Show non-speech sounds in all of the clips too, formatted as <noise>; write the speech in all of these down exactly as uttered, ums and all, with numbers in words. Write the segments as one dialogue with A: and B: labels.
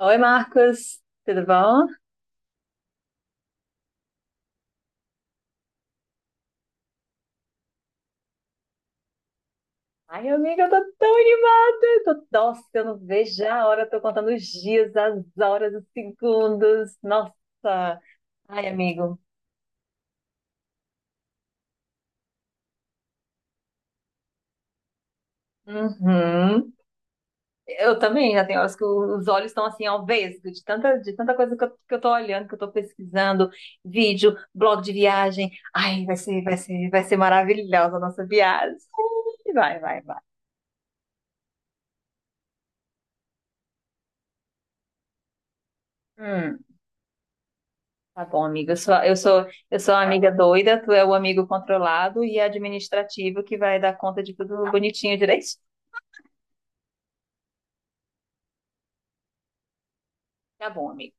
A: Oi, Marcos, tudo bom? Ai, amiga, eu tô tão animada! Eu Tô, nossa, eu não vejo a hora, eu tô contando os dias, as horas, os segundos. Nossa! Ai, amigo. Uhum. Eu também, já tem horas que os olhos estão assim ao vesgo, de tanta, de tanta coisa que eu, que eu tô olhando, que eu tô pesquisando, vídeo, blog de viagem. Ai, vai ser, vai ser, vai ser maravilhosa a nossa viagem. Vai, vai, vai. Hum. Tá bom, amiga. Eu sou, eu sou, eu sou a amiga doida, tu é o amigo controlado e administrativo que vai dar conta de tudo bonitinho direito. Tá bom, amigo.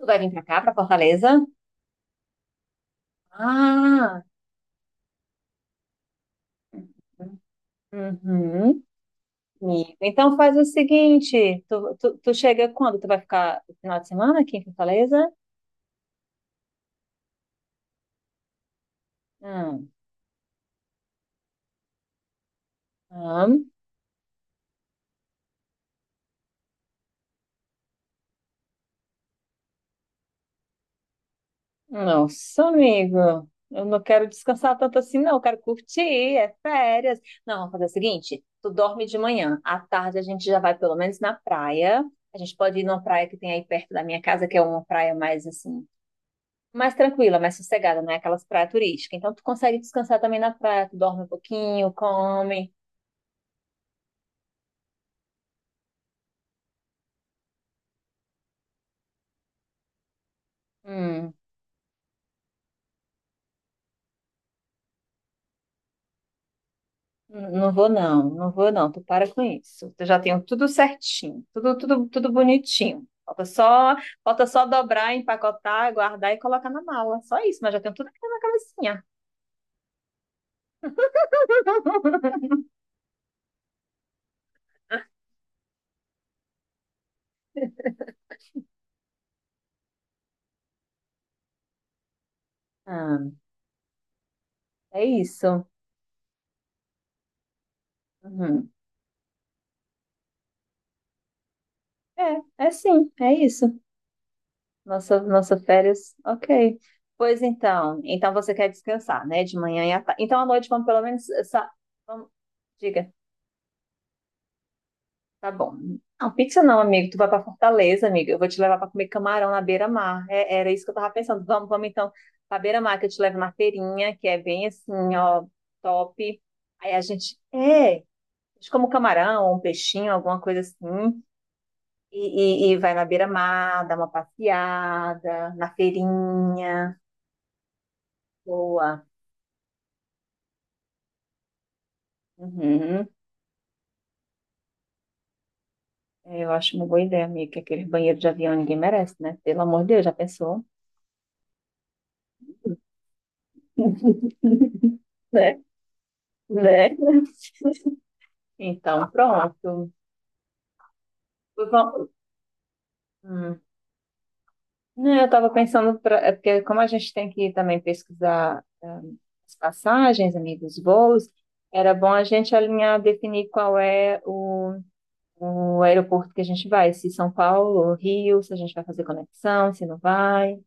A: Tu vai vir pra cá, pra Fortaleza? Ah, uhum, amigo. Então faz o seguinte, tu, tu, tu chega quando? Tu vai ficar o final de semana aqui em Fortaleza? Hum, hum. Nossa, amigo, eu não quero descansar tanto assim, não. Eu quero curtir, é férias. Não, vamos fazer o seguinte: tu dorme de manhã, à tarde a gente já vai pelo menos na praia. A gente pode ir numa praia que tem aí perto da minha casa, que é uma praia mais assim, mais tranquila, mais sossegada, não é aquelas praias turísticas. Então tu consegue descansar também na praia, tu dorme um pouquinho, come. Hum. Não vou não, não vou não, tu para com isso. Eu já tenho tudo certinho, tudo, tudo, tudo bonitinho. Falta só, falta só dobrar, empacotar, guardar e colocar na mala. Só isso, mas já tenho tudo aqui na cabecinha. <laughs> Ah, é isso. Uhum. É, é sim, é isso. Nossa, nossa férias, ok. Pois então, então você quer descansar, né? De manhã e à tarde. Então à noite vamos pelo menos. Essa... Vamos... Diga. Tá bom. Não, pizza não, amigo. Tu vai pra Fortaleza, amiga. Eu vou te levar pra comer camarão na beira-mar. É- era isso que eu tava pensando. Vamos, vamos então pra beira-mar, que eu te levo na feirinha, que é bem assim, ó, top. Aí a gente, é, a gente come um camarão, um peixinho, alguma coisa assim. E, e- e vai na beira-mar, dá uma passeada, na feirinha. Boa. Uhum. É, eu acho uma boa ideia, amiga, que aquele banheiro de avião ninguém merece, né? Pelo amor de Deus, já pensou? Né? Né? Então, pronto. Vam- hum. Não, eu estava pensando, pra, é porque como a gente tem que também pesquisar hum, as passagens, amigos, voos, era bom a gente alinhar, definir qual é o, o aeroporto que a gente vai, se São Paulo ou Rio, se a gente vai fazer conexão, se não vai.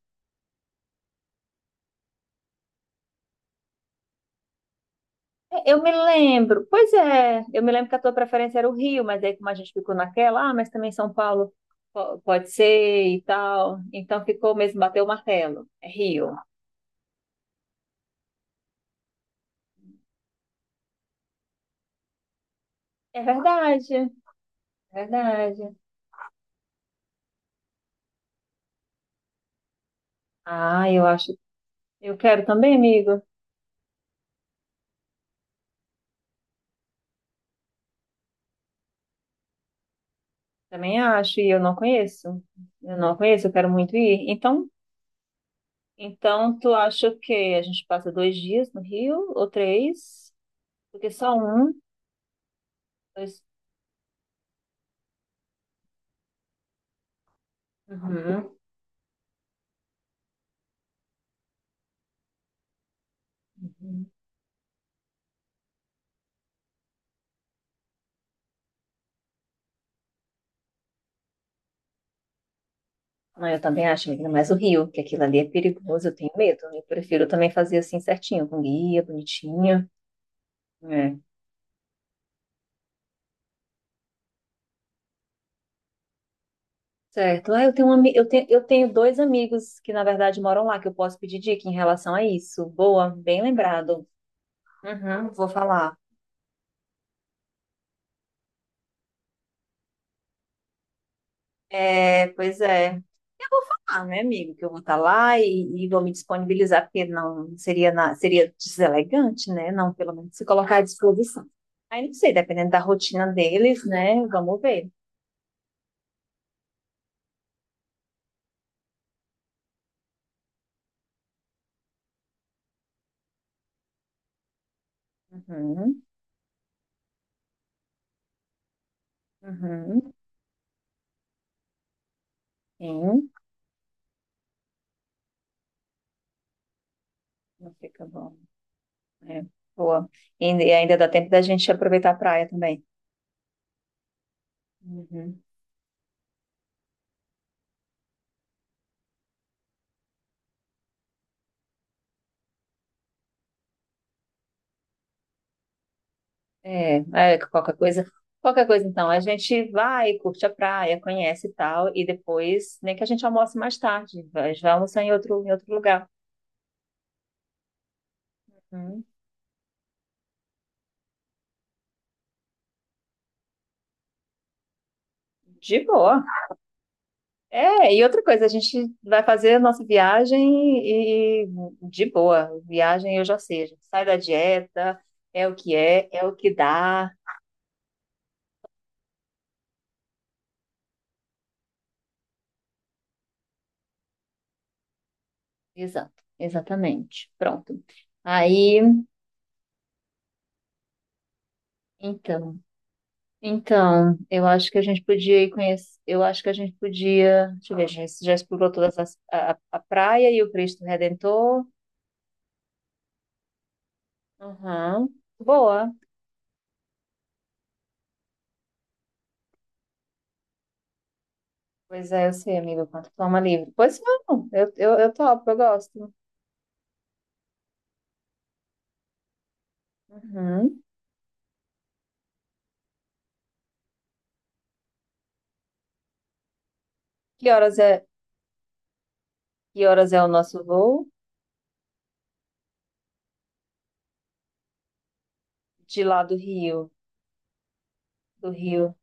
A: É, eu me lembro, pois é, eu me lembro que a tua preferência era o Rio, mas aí como a gente ficou naquela, ah, mas também São Paulo po- pode ser e tal, então ficou mesmo, bateu o martelo, é Rio. É verdade. É verdade. Ah, eu acho. Eu quero também, amigo. Também acho, e eu não conheço. Eu não conheço, eu quero muito ir. Então, então tu acha que a gente passa dois dias no Rio ou três? Porque só um, dois. Uhum. Uhum. Não, eu também acho, amiga, mas o Rio, que aquilo ali é perigoso, eu tenho medo, né? Eu prefiro também fazer assim certinho, com guia, bonitinho. É. Certo. Ah, eu tenho um, ami- eu tenho, eu tenho dois amigos que, na verdade, moram lá, que eu posso pedir dica em relação a isso. Boa, bem lembrado. Uhum, vou falar. É, pois é. Ah, meu amigo, que eu vou estar lá e, e vou me disponibilizar, porque não seria, na- seria deselegante, né? Não, pelo menos se colocar à disposição. Aí não sei, dependendo da rotina deles, né? Vamos ver. Uhum, uhum, sim, não fica bom. É, boa. E ainda e ainda dá tempo da gente aproveitar a praia também. Uhum. É, é, qualquer coisa. Qualquer coisa, então, a gente vai, curte a praia, conhece e tal, e depois, nem que a gente almoce mais tarde, mas vai almoçar em outro, em outro lugar. Hum, de boa. É, e outra coisa, a gente vai fazer a nossa viagem e e de boa. Viagem eu já sei, a gente sai da dieta, é o que é, é o que dá. Exato, exatamente. Pronto. Aí, então. Então, eu acho que a gente podia ir conhecer. Eu acho que a gente podia. Deixa eu ver, a gente já explorou toda a, a praia e o Cristo Redentor. Uhum. Boa. Pois é, eu sei, amigo, quanto toma livre. Pois vamos, eu, eu, eu topo, eu gosto. Uhum. Que horas é, que horas é o nosso voo? De lá do Rio. Do Rio.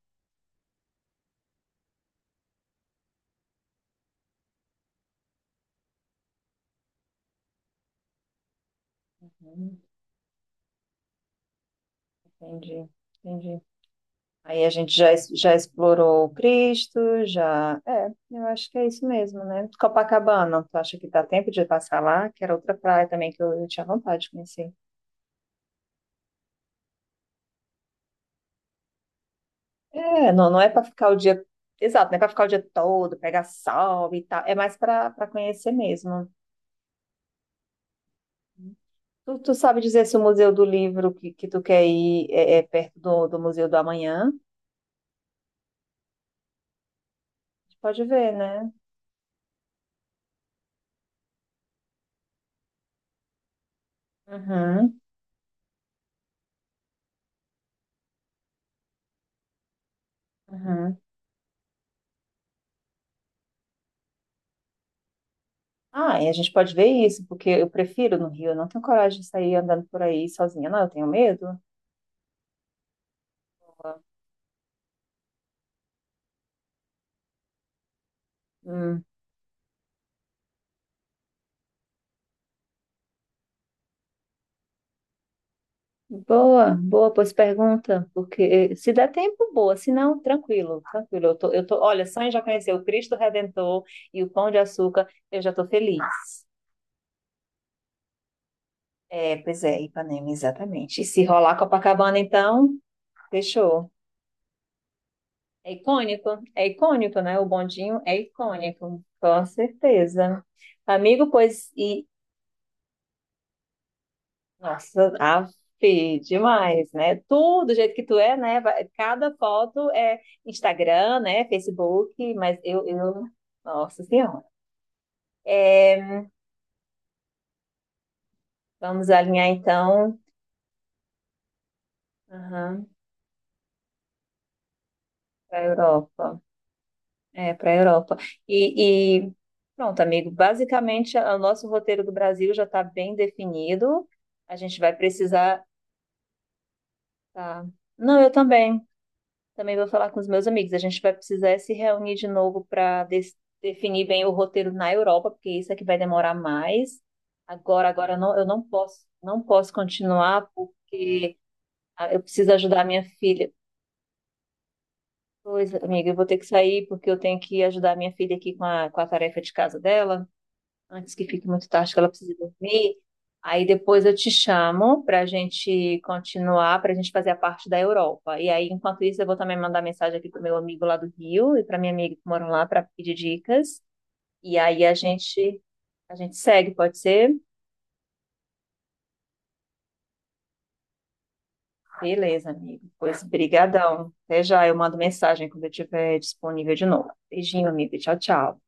A: Uhum. Entendi, entendi. Aí a gente já, es- já explorou Cristo, já. É, eu acho que é isso mesmo, né? Copacabana, tu acha que dá tempo de passar lá? Que era outra praia também que eu, eu tinha vontade de conhecer. É, não, não é para ficar o dia. Exato, não é para ficar o dia todo, pegar sol e tal. É mais para para conhecer mesmo. Tu, tu sabe dizer se o Museu do Livro que, que tu quer ir é, é perto do, do Museu do Amanhã? Pode ver, né? Uhum, uhum. Ah, e a gente pode ver isso, porque eu prefiro no Rio, eu não tenho coragem de sair andando por aí sozinha, não, eu tenho medo. Hum, boa, boa, pois pergunta, porque eh, se der tempo, boa, se não, tranquilo, tranquilo. Eu tô, eu tô, olha, só em já conhecer o Cristo Redentor e o Pão de Açúcar, eu já tô feliz. É, pois é, Ipanema, exatamente. E se rolar Copacabana, então, fechou. É icônico, é icônico, né? O bondinho é icônico, com certeza. Amigo, pois, e, nossa, afe, demais, né? Tu, do jeito que tu é, né? Vai- Cada foto é Instagram, né? Facebook, mas eu, eu... Nossa Senhora. É, vamos alinhar, então, para a Europa. É, para a Europa. E, e pronto, amigo, basicamente, a- o nosso roteiro do Brasil já está bem definido. A gente vai precisar... Tá. Não, eu também. Também vou falar com os meus amigos. A gente vai precisar se reunir de novo para definir bem o roteiro na Europa, porque isso é que vai demorar mais. Agora, agora eu não, eu não posso, não posso continuar porque ah, eu preciso ajudar a minha filha. Pois, amiga, eu vou ter que sair porque eu tenho que ajudar a minha filha aqui com a, com a tarefa de casa dela antes que fique muito tarde, que ela precisa dormir. Aí depois eu te chamo para a gente continuar, para a gente fazer a parte da Europa. E aí, enquanto isso, eu vou também mandar mensagem aqui para o meu amigo lá do Rio e para minha amiga que moram lá para pedir dicas. E aí a gente a gente segue, pode ser? Beleza, amigo. Pois brigadão. Até já, eu mando mensagem quando eu estiver disponível de novo. Beijinho, amigo. Tchau, tchau.